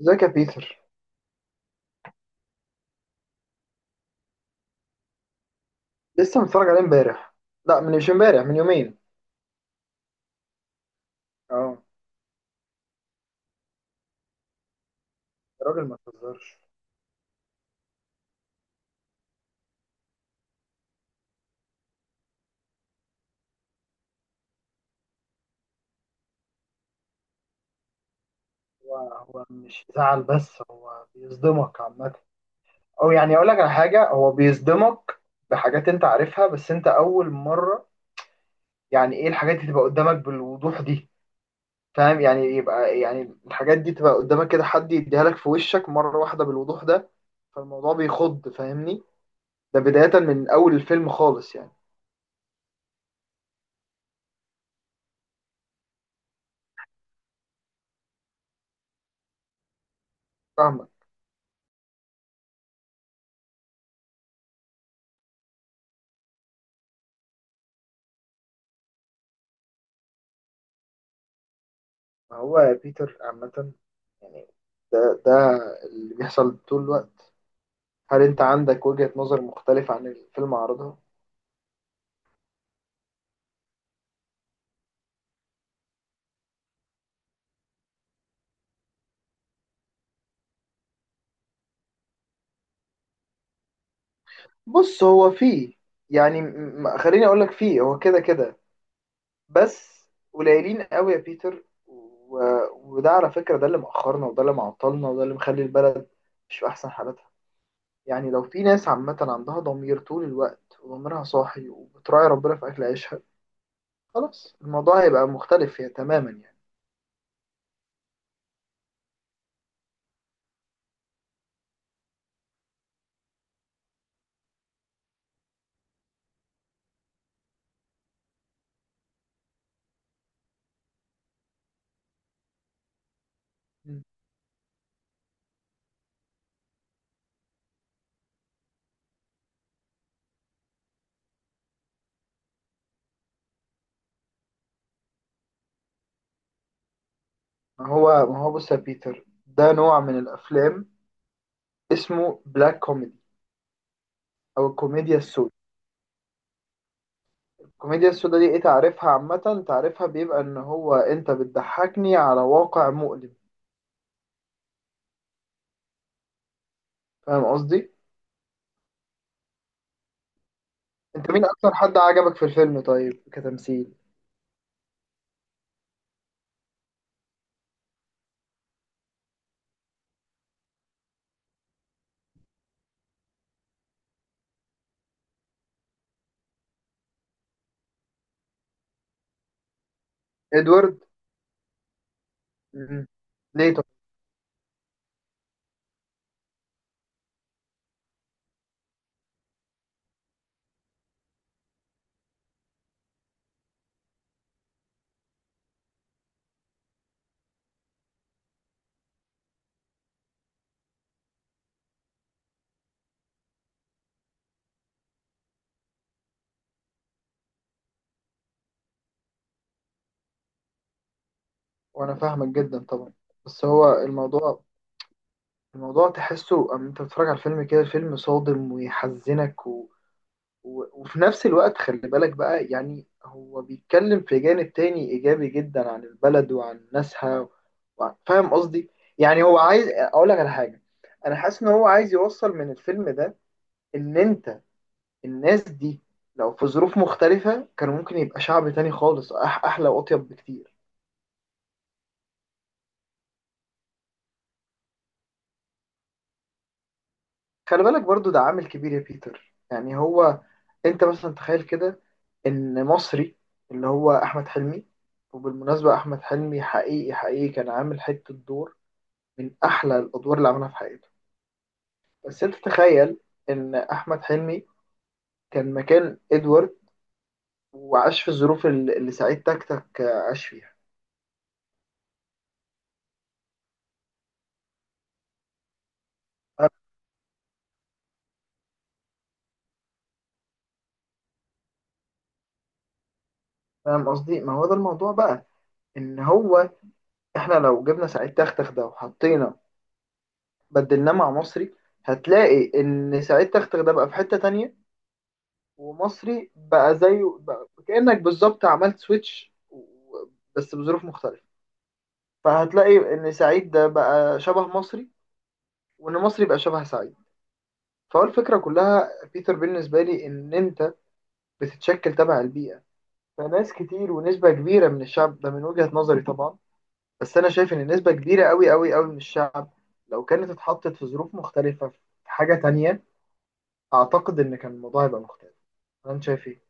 ازيك يا بيتر. لسه متفرج عليه امبارح. لا، مش امبارح، من يومين. اه. الراجل ما تهزرش. هو مش زعل، بس هو بيصدمك عامة. او يعني اقول لك على حاجة، هو بيصدمك بحاجات انت عارفها، بس انت اول مرة يعني ايه الحاجات دي تبقى قدامك بالوضوح دي. فاهم يعني، يبقى يعني الحاجات دي تبقى قدامك كده، حد يديها لك في وشك مرة واحدة بالوضوح ده. فالموضوع بيخض، فاهمني؟ ده بداية من اول الفيلم خالص يعني. فاهمك. ما هو بيتر عامة يعني، ده اللي بيحصل طول الوقت. هل انت عندك وجهة نظر مختلفة عن الفيلم عرضها؟ بص، هو فيه يعني، خليني اقول لك، فيه هو كده كده، بس قليلين قوي يا بيتر وده على فكرة ده اللي مأخرنا، وده اللي معطلنا، وده اللي مخلي البلد مش في احسن حالاتها. يعني لو في ناس عامة عندها ضمير طول الوقت، وضميرها صاحي، وبتراعي ربنا في اكل عيشها، خلاص الموضوع هيبقى مختلف تماما يعني. ما هو بص يا بيتر، ده نوع من الافلام اسمه بلاك كوميدي، او الكوميديا السوداء. الكوميديا السوداء دي ايه، تعرفها عامه؟ تعرفها بيبقى ان هو انت بتضحكني على واقع مؤلم. فاهم قصدي؟ انت مين اكتر حد عجبك في الفيلم طيب، كتمثيل؟ ادوارد. مم. ليه طب؟ وانا فاهمك جدا طبعا، بس هو الموضوع، الموضوع تحسه أما انت بتتفرج على الفيلم كده، الفيلم صادم ويحزنك، وفي نفس الوقت خلي بالك بقى يعني، هو بيتكلم في جانب تاني إيجابي جدا عن البلد وعن ناسها وعن، فاهم قصدي؟ يعني هو عايز أقول لك على حاجة، أنا حاسس إن هو عايز يوصل من الفيلم ده، إن أنت، الناس دي لو في ظروف مختلفة كان ممكن يبقى شعب تاني خالص، أحلى وأطيب بكتير. خلي بالك برضو ده عامل كبير يا بيتر، يعني هو انت مثلا تخيل كده ان مصري، اللي هو احمد حلمي، وبالمناسبة احمد حلمي حقيقي حقيقي كان عامل حتة دور من احلى الادوار اللي عملها في حياته. بس انت تخيل ان احمد حلمي كان مكان ادوارد، وعاش في الظروف اللي سعيد تكتك عاش فيها. فاهم قصدي؟ ما هو ده الموضوع بقى، ان هو احنا لو جبنا سعيد تكتك ده وحطينا، بدلناه مع مصري، هتلاقي ان سعيد تكتك ده بقى في حتة تانية، ومصري بقى زيه، بقى كأنك بالظبط عملت سويتش، بس بظروف مختلفة. فهتلاقي إن سعيد ده بقى شبه مصري، وإن مصري بقى شبه سعيد. فهو الفكرة كلها بيتر بالنسبة لي إن أنت بتتشكل تبع البيئة. فناس كتير ونسبة كبيرة من الشعب ده من وجهة نظري طبعا، بس أنا شايف إن نسبة كبيرة أوي أوي أوي من الشعب لو كانت اتحطت في ظروف مختلفة، في حاجة تانية، أعتقد إن كان الموضوع هيبقى مختلف. أنا شايف إيه؟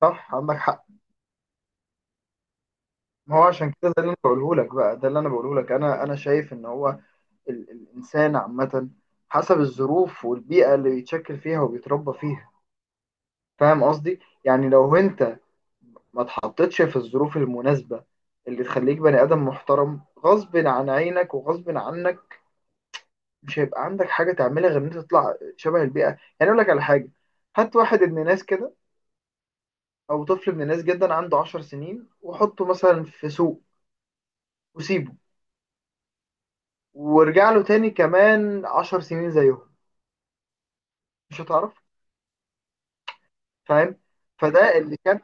صح، عندك حق. ما هو عشان كده ده اللي انا بقوله لك، بقى ده اللي انا بقوله لك، انا شايف ان هو الانسان عامه حسب الظروف والبيئه اللي بيتشكل فيها وبيتربى فيها. فاهم قصدي؟ يعني لو انت ما اتحطتش في الظروف المناسبه اللي تخليك بني ادم محترم غصب عن عينك وغصب عنك، مش هيبقى عندك حاجه تعملها غير ان انت تطلع شبه البيئه. يعني اقول لك على حاجه، هات واحد ابن ناس كده، او طفل ابن ناس جدا عنده 10 سنين، وحطه مثلا في سوق، وسيبه، وارجع له تاني كمان 10 سنين زيهم، مش هتعرف. فاهم؟ فده اللي كان،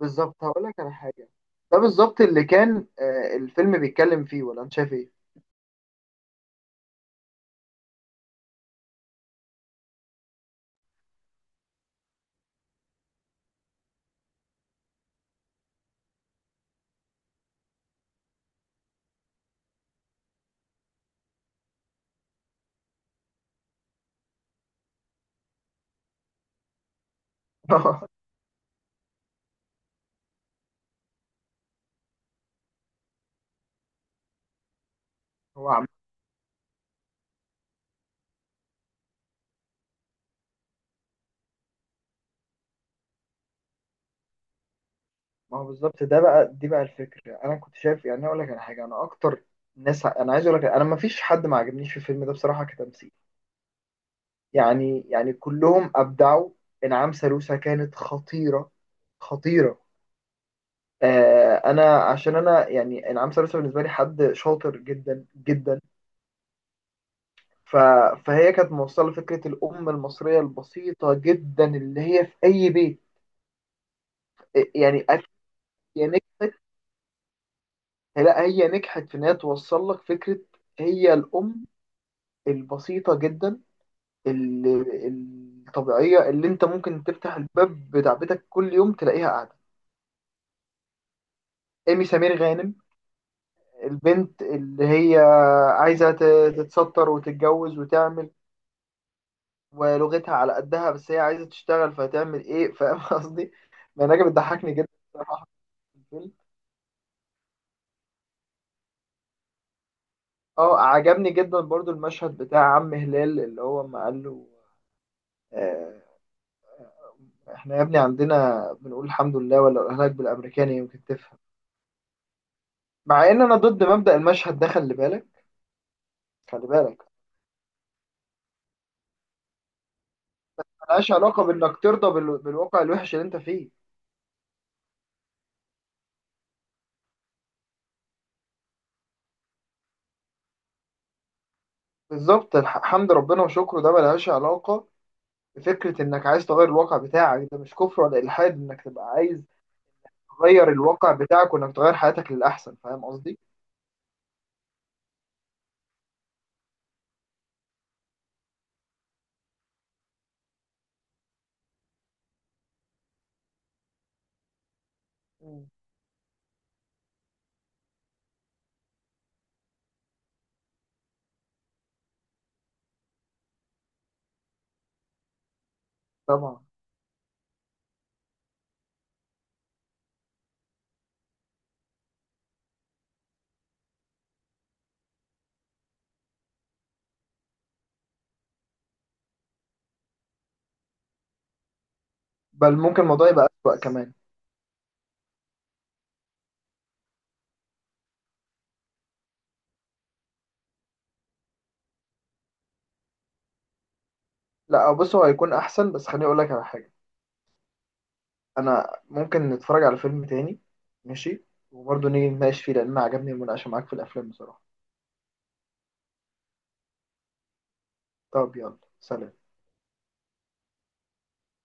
بالظبط هقول لك على حاجة، ده بالظبط اللي كان الفيلم بيتكلم فيه، ولا انت شايف ايه؟ هو عم. ما هو بالظبط ده بقى، دي بقى الفكرة. انا كنت شايف يعني اقول لك على حاجة، انا اكتر ناس انا عايز اقول لك، انا ما فيش حد ما عجبنيش في الفيلم ده بصراحة كتمثيل. يعني يعني كلهم ابدعوا. انعام سالوسة كانت خطيرة، خطيرة. انا عشان انا يعني انعام سالوسة بالنسبه لي حد شاطر جدا جدا، ف... فهي كانت موصله فكره الام المصريه البسيطه جدا اللي هي في اي بيت. آه، يعني أك- هي نجحت. لا، هي نجحت في ان هي توصل لك فكره، هي الام البسيطه جدا اللي الطبيعيه، اللي انت ممكن تفتح الباب بتاع بيتك كل يوم تلاقيها قاعده. ايمي سمير غانم، البنت اللي هي عايزه تتستر وتتجوز وتعمل، ولغتها على قدها، بس هي عايزة تشتغل فهتعمل ايه؟ فاهم قصدي؟ منى رجب بتضحكني جدا بصراحة في الفيلم. اه، عجبني جدا برضو المشهد بتاع عم هلال اللي هو ما قال له، آه، احنا يا ابني عندنا بنقول الحمد لله، ولا الاهلاك بالامريكاني يمكن تفهم. مع ان انا ضد مبدأ المشهد ده، خلي بالك. خلي بالك، ملهاش علاقة بانك ترضى بالواقع الوحش اللي انت فيه. بالظبط، حمد ربنا وشكره ده ملهاش علاقة بفكرة انك عايز تغير الواقع بتاعك. ده مش كفر ولا الحاد انك تبقى عايز تغير الواقع بتاعك، وانك تغير حياتك للاحسن. فاهم قصدي؟ مم. طبعا. بل ممكن الموضوع يبقى اسوأ كمان. لا بص، هو هيكون احسن، بس خليني اقول لك على حاجه. انا ممكن نتفرج على فيلم تاني، ماشي، وبرضه نيجي نناقش فيه، لان انا عجبني المناقشه معاك في الافلام بصراحه. طب يلا، سلام.